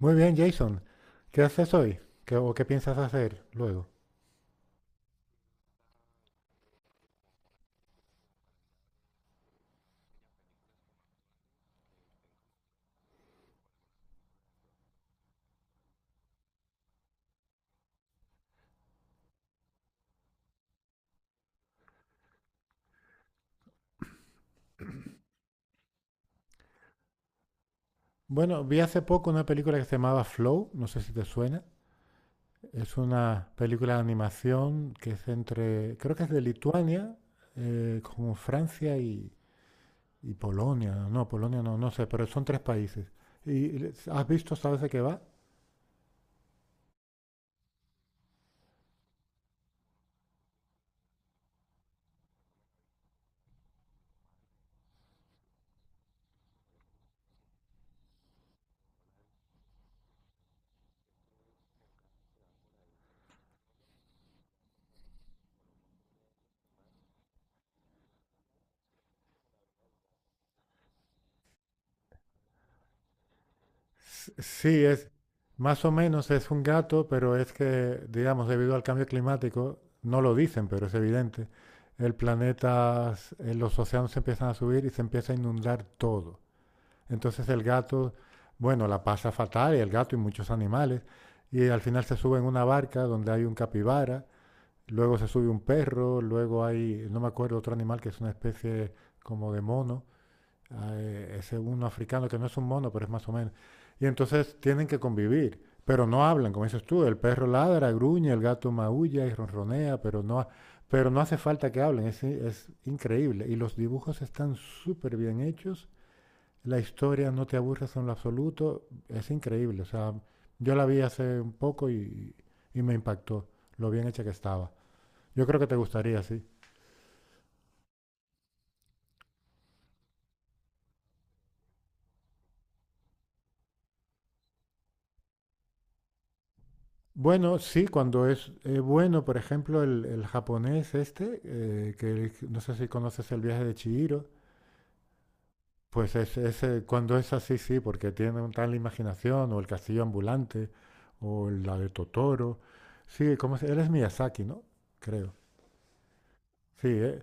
Muy bien, Jason. ¿Qué haces hoy? ¿O qué piensas hacer luego? Bueno, vi hace poco una película que se llamaba Flow, no sé si te suena. Es una película de animación que es entre, creo que es de Lituania, como Francia y Polonia. No, Polonia no, no sé, pero son tres países. ¿Y has visto, sabes de qué va? Sí, es más o menos es un gato, pero es que, digamos, debido al cambio climático, no lo dicen, pero es evidente, el planeta, los océanos se empiezan a subir y se empieza a inundar todo. Entonces el gato, bueno, la pasa fatal, y el gato y muchos animales, y al final se sube en una barca donde hay un capibara, luego se sube un perro, luego hay, no me acuerdo, otro animal que es una especie como de mono ese uno africano que no es un mono, pero es más o menos. Y entonces tienen que convivir, pero no hablan, como dices tú, el perro ladra, gruñe, el gato maulla y ronronea, pero no hace falta que hablen, es increíble. Y los dibujos están súper bien hechos, la historia no te aburres en lo absoluto, es increíble. O sea, yo la vi hace un poco y me impactó lo bien hecha que estaba. Yo creo que te gustaría, sí. Bueno, sí, por ejemplo, el japonés este, que no sé si conoces El viaje de Chihiro, pues cuando es así, sí, porque tiene un tal imaginación, o El castillo ambulante, o la de Totoro. Sí, ¿cómo se- Él es Miyazaki, ¿no? Creo. Sí, eh.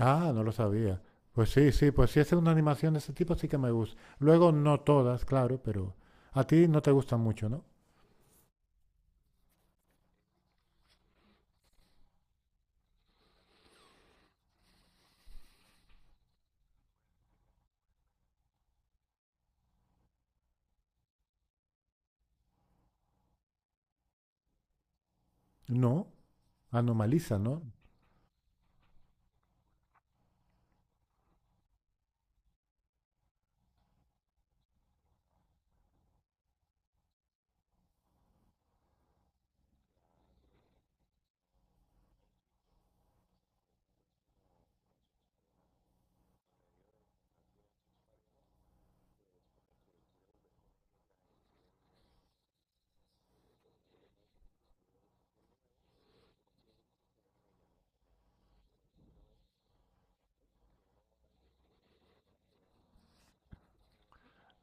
Ah, no lo sabía. Pues sí, sí, pues si es una animación de ese tipo, sí que me gusta. Luego, no todas, claro, pero a ti no te gustan mucho, ¿no? No, Anomaliza, ¿no?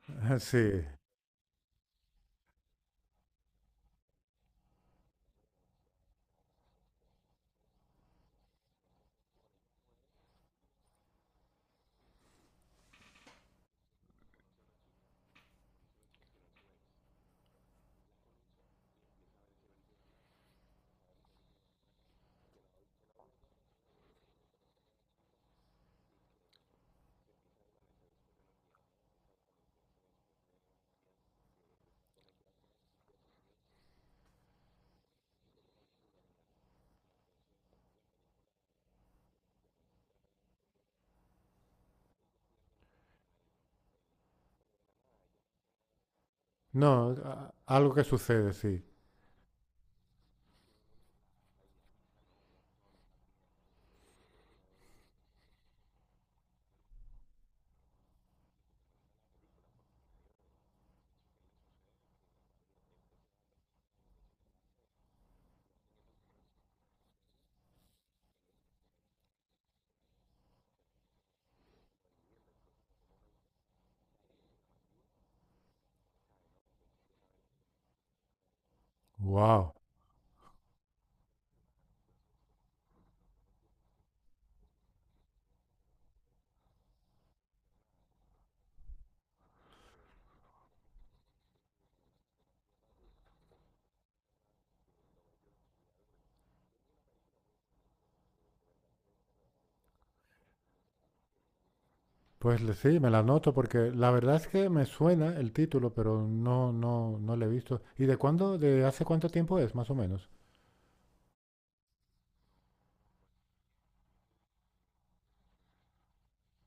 Sí. No, algo que sucede, sí. Wow. Pues sí, me la anoto porque la verdad es que me suena el título, pero no, no, no le he visto. ¿Y de cuándo, de hace cuánto tiempo es, más o menos?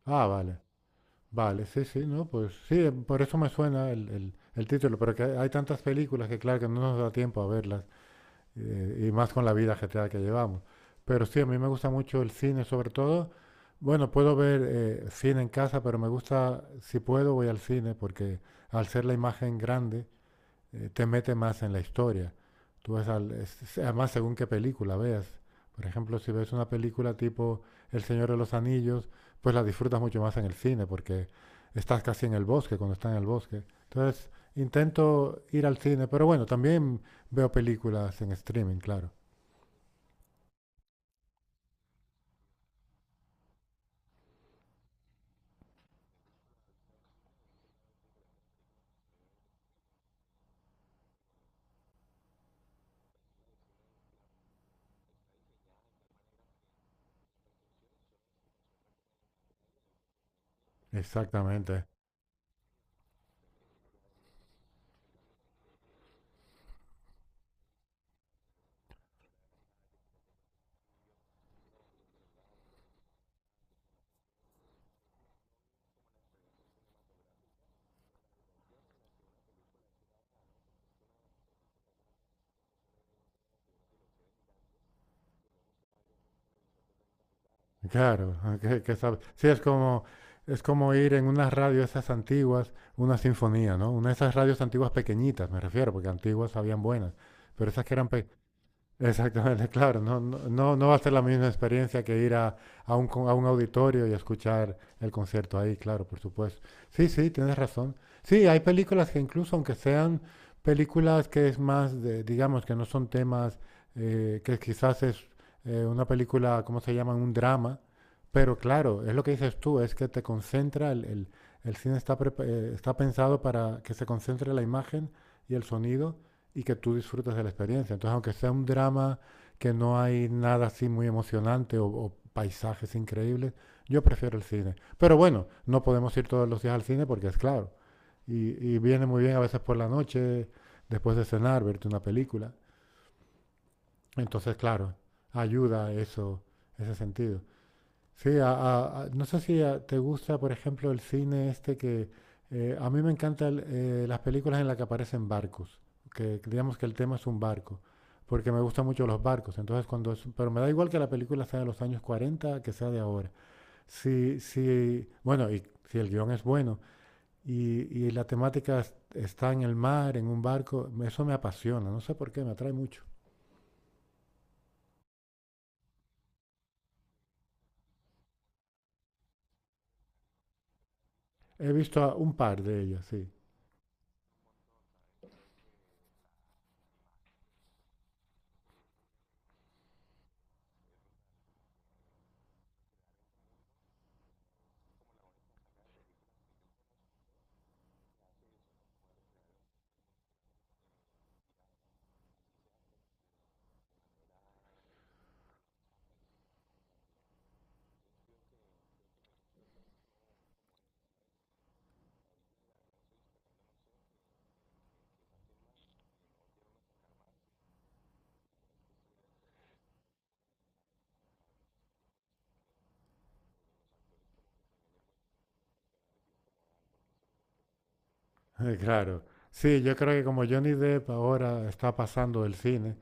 Ah, vale, vale, sí, sí, no, pues sí, por eso me suena el título, pero que hay tantas películas que claro que no nos da tiempo a verlas. Y más con la vida ajetreada que llevamos. Pero sí, a mí me gusta mucho el cine, sobre todo. Bueno, puedo ver cine en casa, pero me gusta, si puedo, voy al cine, porque al ser la imagen grande, te mete más en la historia. Tú ves al- es- Además, según qué película veas. Por ejemplo, si ves una película tipo El Señor de los Anillos, pues la disfrutas mucho más en el cine porque estás casi en el bosque cuando estás en el bosque. Entonces, intento ir al cine, pero bueno, también veo películas en streaming, claro. Exactamente. Claro, Sí, es como ir en una radio esas antiguas, una sinfonía, ¿no? Una de esas radios antiguas pequeñitas, me refiero, porque antiguas habían buenas, pero esas que eran pe- Exactamente, claro, no, no, no no va a ser la misma experiencia que ir a, a un auditorio y escuchar el concierto ahí, claro, por supuesto. Sí, sí, tienes razón. Sí, hay películas que incluso, aunque sean películas que es más, de, digamos, que no son temas, que quizás es una película, ¿cómo se llama? Un drama, pero claro, es lo que dices tú, es que te concentra, el cine está, está pensado para que se concentre la imagen y el sonido y que tú disfrutes de la experiencia. Entonces, aunque sea un drama que no hay nada así muy emocionante o paisajes increíbles, yo prefiero el cine. Pero bueno, no podemos ir todos los días al cine porque es claro. Y viene muy bien a veces por la noche, después de cenar, verte una película. Entonces, claro, ayuda eso, ese sentido. Sí, no sé si te gusta, por ejemplo, el cine este que a mí me encantan las películas en las que aparecen barcos, que digamos que el tema es un barco, porque me gustan mucho los barcos. Entonces, pero me da igual que la película sea de los años 40 que sea de ahora. Si, bueno, y si el guión es bueno y, y la temática está en el mar, en un barco, eso me apasiona, no sé por qué, me atrae mucho. He visto a un par de ellas, sí. Claro, sí, yo creo que como Johnny Depp ahora está pasando del cine,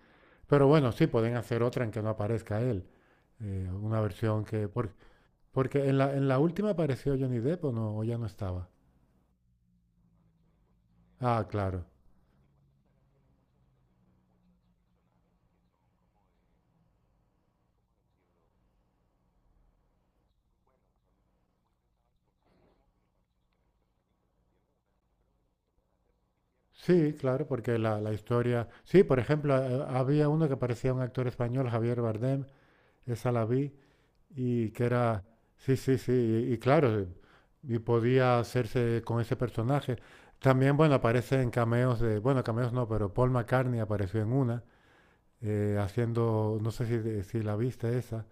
pero bueno, sí, pueden hacer otra en que no aparezca él, una versión que... por- porque en la última apareció Johnny Depp o no, o ya no estaba. Ah, claro. Sí, claro, porque la historia... Sí, por ejemplo, había uno que parecía un actor español, Javier Bardem, esa la vi, y que era, sí, sí, sí, y claro, y podía hacerse con ese personaje. También, bueno, aparecen cameos de, bueno, cameos no, pero Paul McCartney apareció en una, haciendo, no sé si, si la viste esa,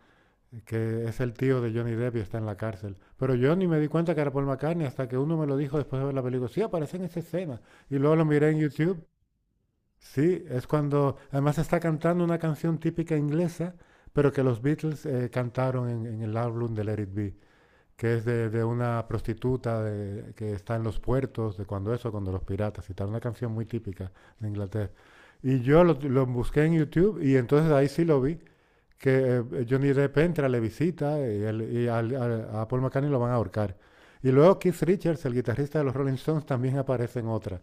que es el tío de Johnny Depp y está en la cárcel. Pero yo ni me di cuenta que era Paul McCartney hasta que uno me lo dijo después de ver la película. Sí, aparece en esa escena. Y luego lo miré en YouTube. Sí, es cuando además está cantando una canción típica inglesa, pero que los Beatles cantaron en el álbum de Let It Be que es de una prostituta de- que está en los puertos, de cuando eso, cuando los piratas y tal, una canción muy típica de Inglaterra. Y yo lo busqué en YouTube y entonces ahí sí lo vi, que Johnny Depp entra, le visita y a Paul McCartney lo van a ahorcar. Y luego Keith Richards, el guitarrista de los Rolling Stones, también aparece en otra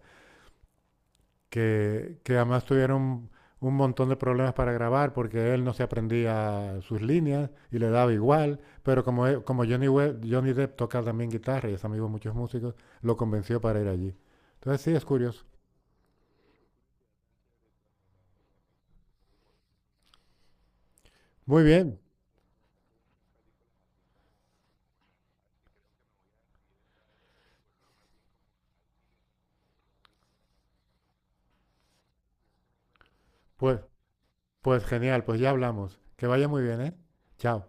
que además tuvieron un montón de problemas para grabar porque él no se aprendía sus líneas y le daba igual, pero como, como Johnny, Johnny Depp toca también guitarra y es amigo de muchos músicos, lo convenció para ir allí. Entonces sí, es curioso. Muy bien, pues, pues genial, pues ya hablamos. Que vaya muy bien, ¿eh? Chao.